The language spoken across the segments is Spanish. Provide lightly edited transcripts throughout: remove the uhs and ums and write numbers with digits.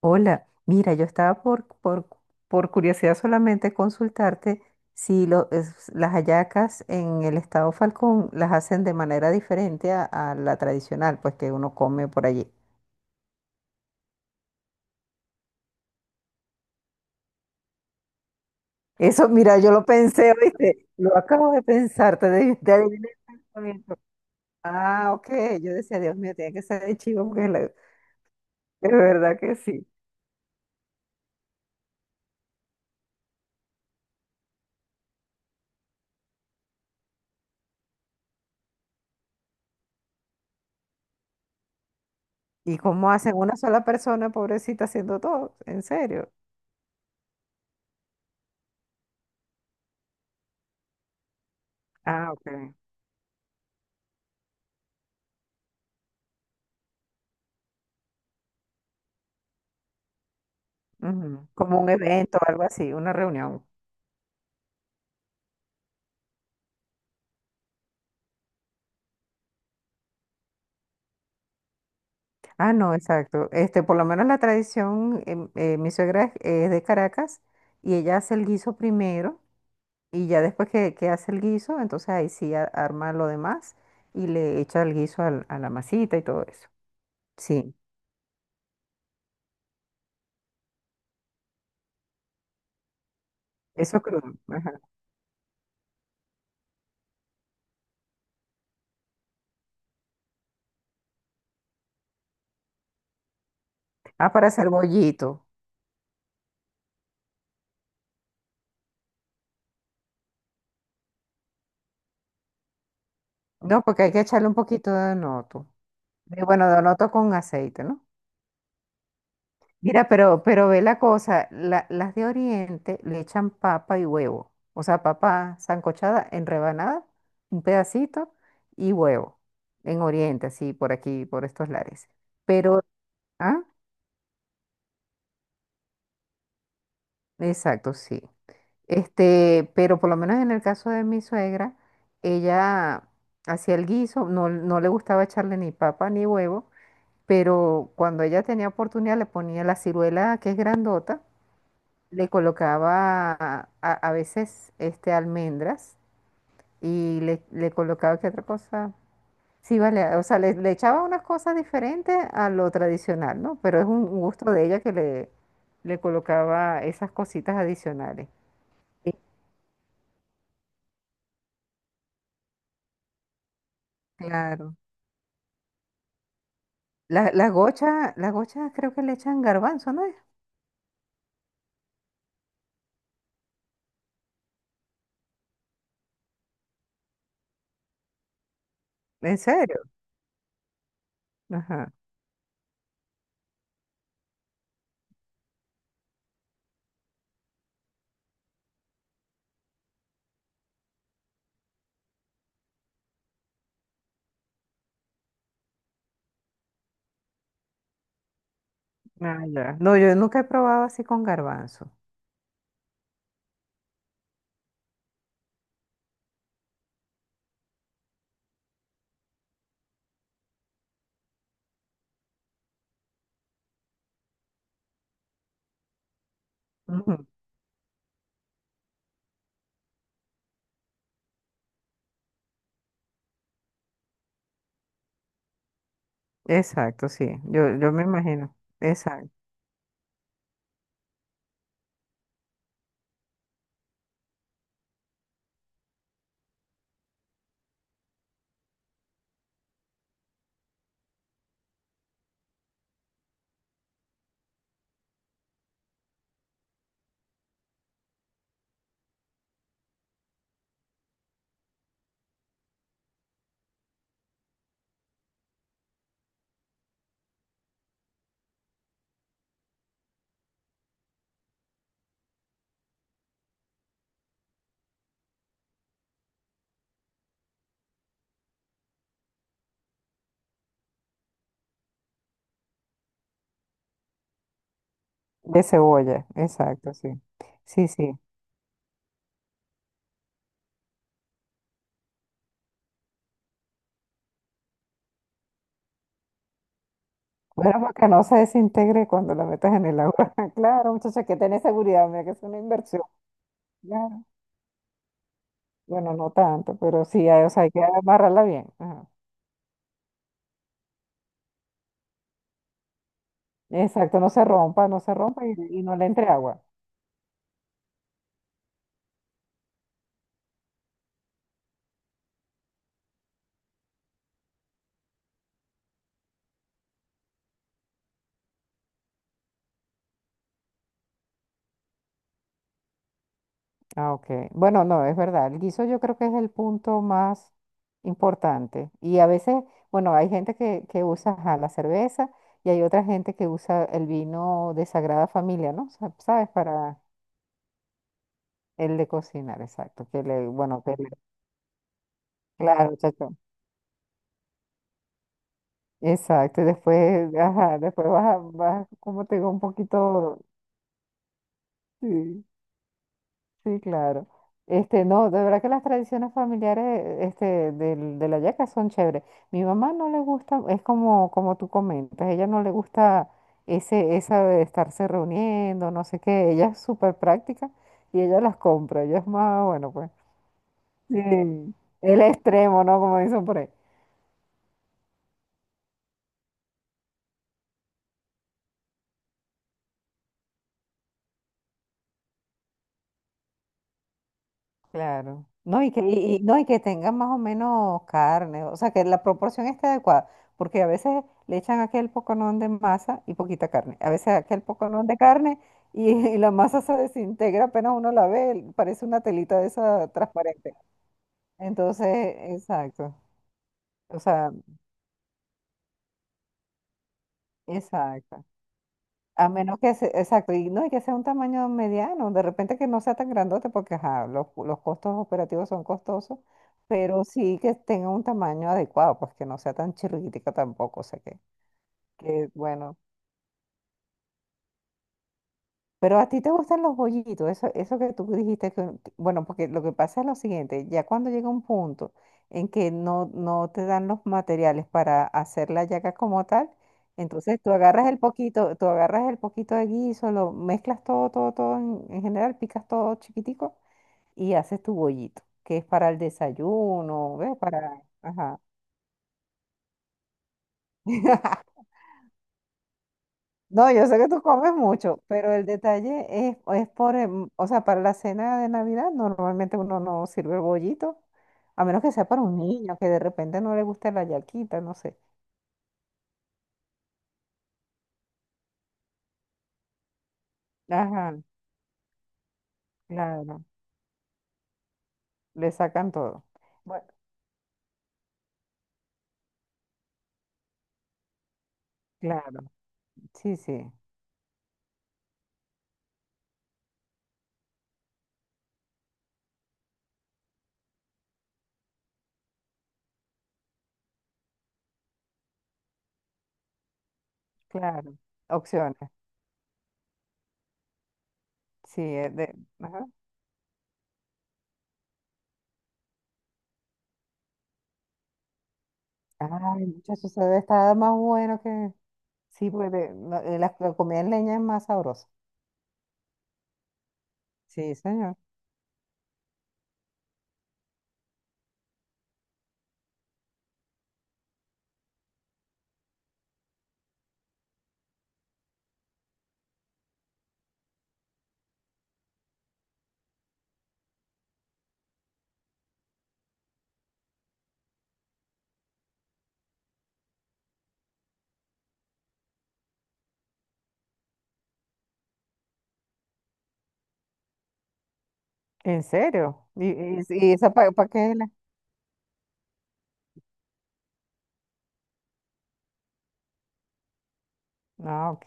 Hola, mira, yo estaba por curiosidad solamente consultarte si las hallacas en el estado Falcón las hacen de manera diferente a la tradicional, pues que uno come por allí. Eso, mira, yo lo pensé, ¿viste? Lo acabo de pensar, te adiviné el pensamiento. Ah, ok, yo decía, Dios mío, tiene que ser de chivo, porque es verdad que sí. ¿Y cómo hacen una sola persona, pobrecita, haciendo todo? ¿En serio? Ah, ok. Ujú, como un evento, algo así, una reunión. Ah, no, exacto. Este, por lo menos la tradición, mi es de Caracas y ella hace el guiso primero y ya después que hace el guiso, entonces ahí sí arma lo demás y le echa el guiso a la masita y todo eso. Sí, eso crudo, ajá. Ah, para hacer bollito. No, porque hay que echarle un poquito de noto. Y bueno, de noto con aceite, ¿no? Mira, pero ve la cosa, las de Oriente le echan papa y huevo, o sea, papa sancochada en rebanada, un pedacito y huevo, en Oriente, así por aquí, por estos lares. Pero, ah, exacto, sí. Este, pero por lo menos en el caso de mi suegra, ella hacía el guiso, no, no le gustaba echarle ni papa ni huevo, pero cuando ella tenía oportunidad le ponía la ciruela que es grandota, le colocaba a veces este almendras y le colocaba qué otra cosa. Sí, vale, o sea, le echaba unas cosas diferentes a lo tradicional, ¿no? Pero es un gusto de ella que le colocaba esas cositas adicionales. Sí, claro. Las gochas creo que le echan garbanzo, ¿no es? ¿En serio? Ajá. Ah, ya. No, yo nunca he probado así con garbanzo. Ujú. Exacto, sí. Yo me imagino. Exacto. De cebolla, exacto, sí. Sí, sí. Bueno, porque no se desintegre cuando la metas en el agua. Claro, muchacha, que tenés seguridad, mira que es una inversión. Claro. Bueno, no tanto, pero sí, o sea, hay que amarrarla bien. Ajá. Exacto, no se rompa, no se rompa y no le entre agua. Ah, ok. Bueno, no, es verdad. El guiso yo creo que es el punto más importante. Y a veces, bueno, hay gente que usa ajá, la cerveza y hay otra gente que usa el vino de Sagrada Familia, ¿no? ¿Sabes? Para el de cocinar, exacto. Que le, bueno, que claro, chacho. Exacto. Y después, ajá, después vas, como te digo, un poquito. Sí, sí, claro. Este, no, de verdad que las tradiciones familiares, este, de la yaca son chéveres. Mi mamá no le gusta, es como, como tú comentas, ella no le gusta esa de estarse reuniendo, no sé qué. Ella es súper práctica y ella las compra. Ella es más, bueno, pues. Sí. El extremo, ¿no? Como dicen por ahí. Claro. No, y no, y que tengan más o menos carne, o sea, que la proporción esté adecuada, porque a veces le echan aquel poconón de masa y poquita carne, a veces aquel poconón de carne y la masa se desintegra apenas uno la ve, parece una telita de esa transparente. Entonces, exacto, o sea, exacto. A menos que se, exacto, y no, y que sea un tamaño mediano, de repente que no sea tan grandote, porque ajá, los costos operativos son costosos, pero sí que tenga un tamaño adecuado, pues que no sea tan chirriquitica tampoco, o sea que bueno. Pero a ti te gustan los bollitos, eso que tú dijiste bueno, porque lo que pasa es lo siguiente, ya cuando llega un punto en que no, no te dan los materiales para hacer la yaca como tal, entonces tú agarras el poquito, tú agarras el poquito de guiso, lo mezclas todo, todo, todo en general, picas todo chiquitico y haces tu bollito, que es para el desayuno, ¿ves? Para, ajá. No, yo sé que tú comes mucho, pero el detalle es por, o sea, para la cena de Navidad normalmente uno no sirve el bollito, a menos que sea para un niño que de repente no le guste la yaquita, no sé. Ajá, claro, le sacan todo. Bueno, claro, sí, sí, claro. Opciones, sí, es de, ajá. Ay, muchacho, se debe estar más bueno que, sí, porque la, la comida en leña es más sabrosa. Sí, señor. ¿En serio? Y esa para qué? Ah, ok.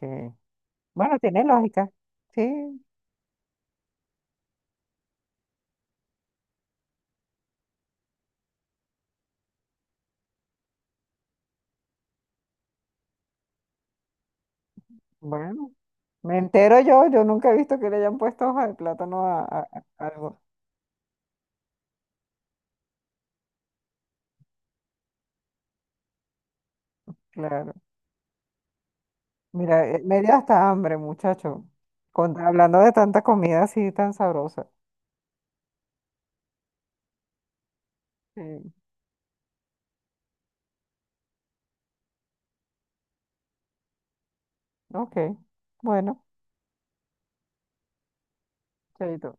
Bueno, tiene lógica. Sí, bueno. Me entero yo, nunca he visto que le hayan puesto hoja de plátano a algo. Claro. Mira, me dio hasta hambre, muchacho. Hablando de tanta comida así tan sabrosa. Sí. Ok. Bueno, chaito.